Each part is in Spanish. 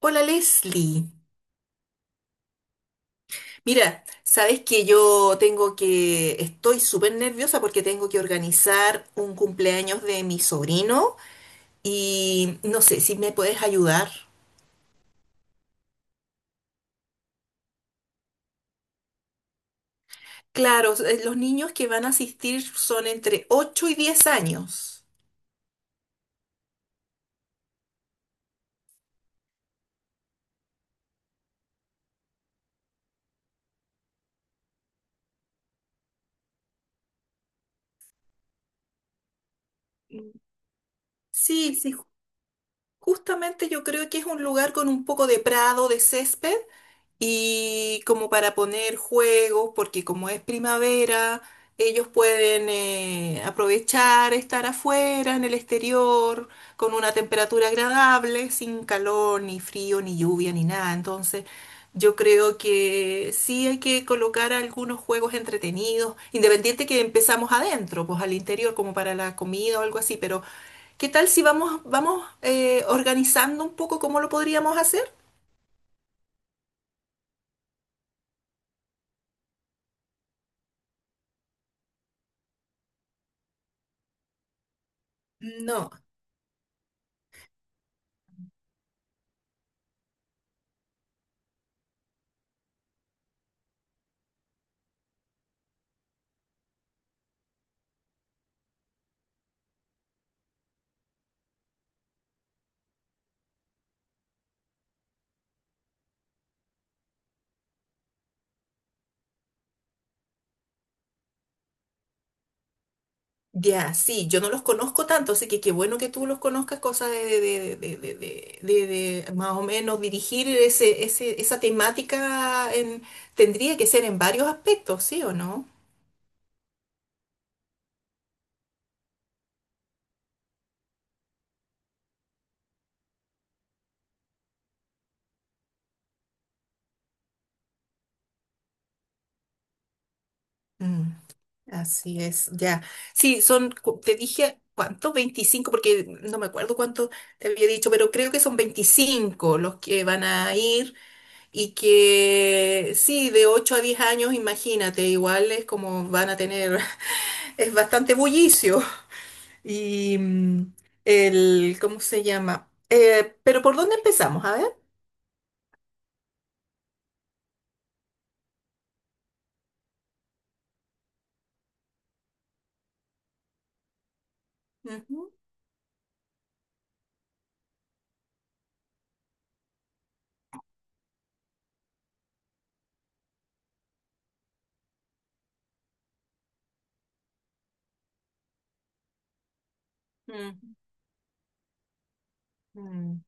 Hola Leslie. Mira, sabes que estoy súper nerviosa porque tengo que organizar un cumpleaños de mi sobrino y no sé si me puedes ayudar. Claro, los niños que van a asistir son entre 8 y 10 años. Sí, sí, justamente yo creo que es un lugar con un poco de prado, de césped y como para poner juegos, porque como es primavera, ellos pueden aprovechar estar afuera, en el exterior, con una temperatura agradable, sin calor, ni frío, ni lluvia, ni nada. Entonces, yo creo que sí hay que colocar algunos juegos entretenidos, independiente que empezamos adentro, pues al interior, como para la comida o algo así, pero ¿qué tal si vamos organizando un poco cómo lo podríamos hacer? No. Ya, sí, yo no los conozco tanto, así que qué bueno que tú los conozcas, cosa de más o menos dirigir esa temática en, tendría que ser en varios aspectos, ¿sí o no? Mm, así es, ya. Sí, te dije, ¿cuánto? 25, porque no me acuerdo cuánto te había dicho, pero creo que son 25 los que van a ir y que sí, de 8 a 10 años, imagínate, igual es como van a tener, es bastante bullicio. Y ¿cómo se llama? Pero ¿por dónde empezamos? A ver. Ujú, mm, mm.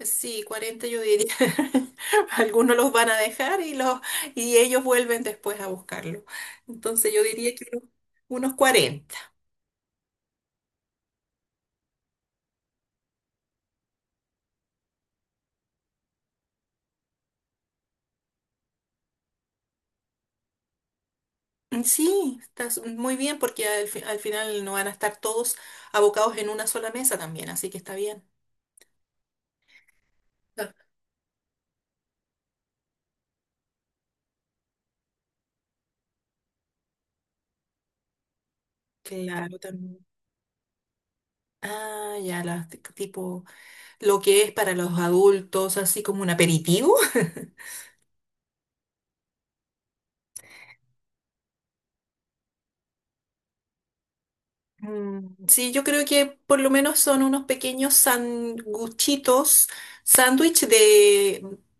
Sí, 40 yo diría. Algunos los van a dejar y, y ellos vuelven después a buscarlo. Entonces yo diría que unos 40. Mm, sí, estás muy bien porque al final no van a estar todos abocados en una sola mesa también, así que está bien. Ah, claro, también. Ah, ya, las tipo lo que es para los adultos, así como un aperitivo. Mm, sí, yo creo que por lo menos son unos pequeños sanguchitos, sándwich de.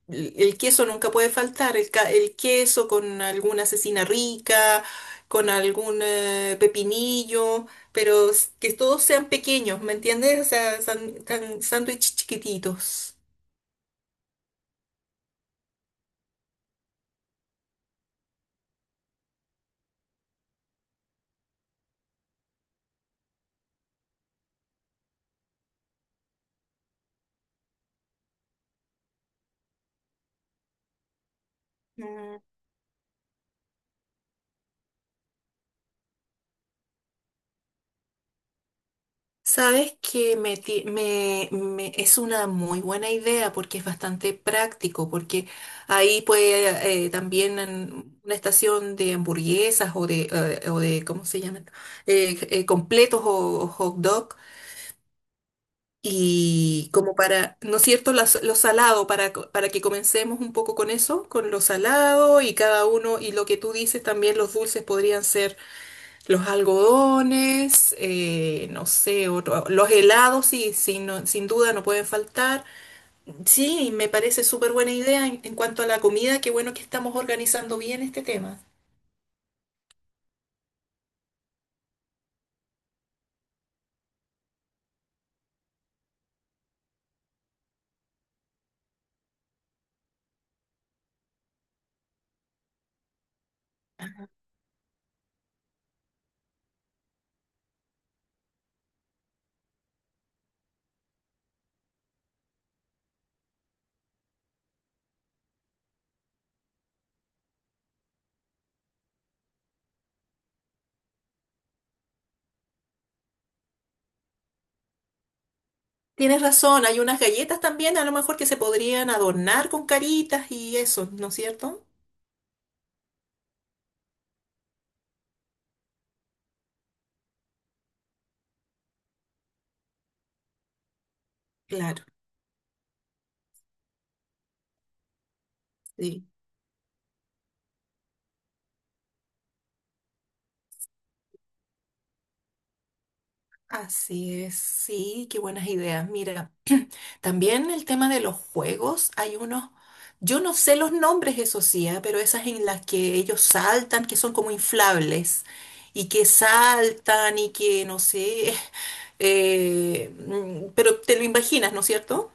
El queso nunca puede faltar, el queso con alguna cecina rica, con algún pepinillo, pero que todos sean pequeños, ¿me entiendes? O sea, sándwich chiquititos. Sabes que me, ti- me- me- es una muy buena idea porque es bastante práctico, porque ahí puede también en una estación de hamburguesas o o de ¿cómo se llama? Completos o hot dog. Y como para, ¿no es cierto?, lo salado, para que comencemos un poco con eso, con lo salado y cada uno, y lo que tú dices también, los dulces podrían ser los algodones, no sé, los helados, sí, sí sin duda no pueden faltar. Sí, me parece súper buena idea en cuanto a la comida, qué bueno que estamos organizando bien este tema. Tienes razón, hay unas galletas también, a lo mejor que se podrían adornar con caritas y eso, ¿no es cierto? Claro, sí. Así es, sí, qué buenas ideas. Mira, también el tema de los juegos, hay unos, yo no sé los nombres, eso sí, ah, pero esas en las que ellos saltan, que son como inflables, y que saltan y que, no sé, pero te lo imaginas, ¿no es cierto?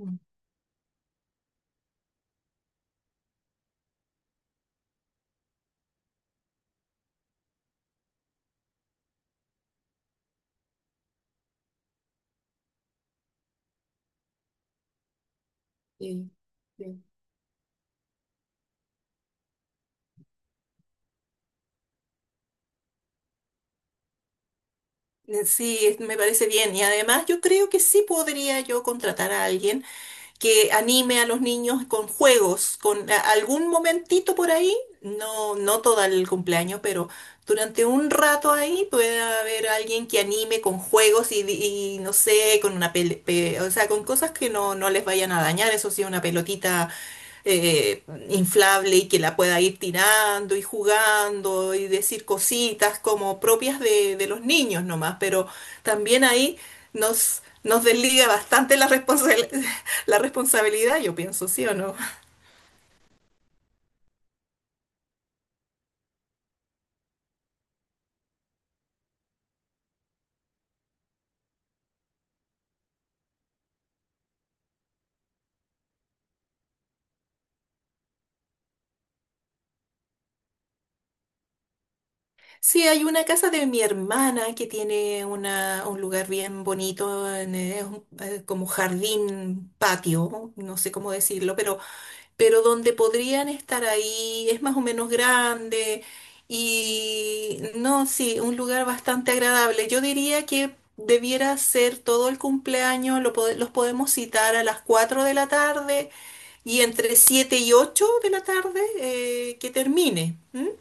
Mm, sí, sí. Sí, me parece bien. Y además yo creo que sí podría yo contratar a alguien que anime a los niños con juegos, con algún momentito por ahí, no, no todo el cumpleaños, pero durante un rato ahí pueda haber alguien que anime con juegos y no sé, con una o sea, con cosas que no les vayan a dañar, eso sí, una pelotita eh, inflable y que la pueda ir tirando y jugando y decir cositas como propias de los niños nomás, pero también ahí nos desliga bastante la responsabilidad, yo pienso, ¿sí o no? Sí, hay una casa de mi hermana que tiene un lugar bien bonito, como jardín, patio, no sé cómo decirlo, pero donde podrían estar ahí, es más o menos grande y no, sí, un lugar bastante agradable. Yo diría que debiera ser todo el cumpleaños, los podemos citar a las 4 de la tarde y entre 7 y 8 de la tarde que termine. ¿M?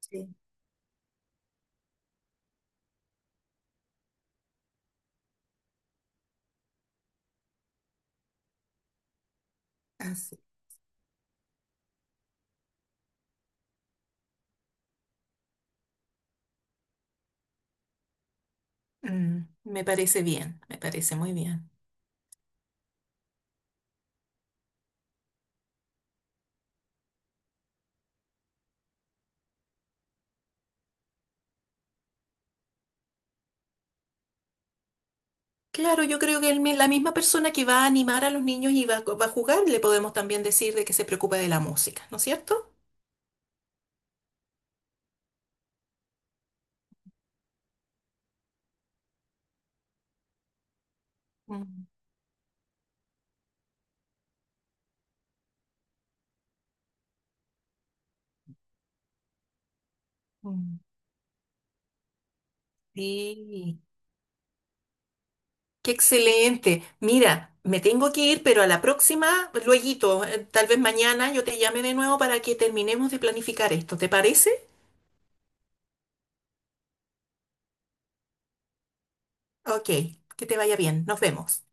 Sí, así. Mm, me parece bien, me parece muy bien. Claro, yo creo que la misma persona que va a animar a los niños y va a jugar, le podemos también decir de que se preocupa de la música, ¿no es cierto? Mm, mm. Sí, qué excelente. Mira, me tengo que ir, pero a la próxima, lueguito, tal vez mañana yo te llame de nuevo para que terminemos de planificar esto. ¿Te parece? Ok, que te vaya bien. Nos vemos.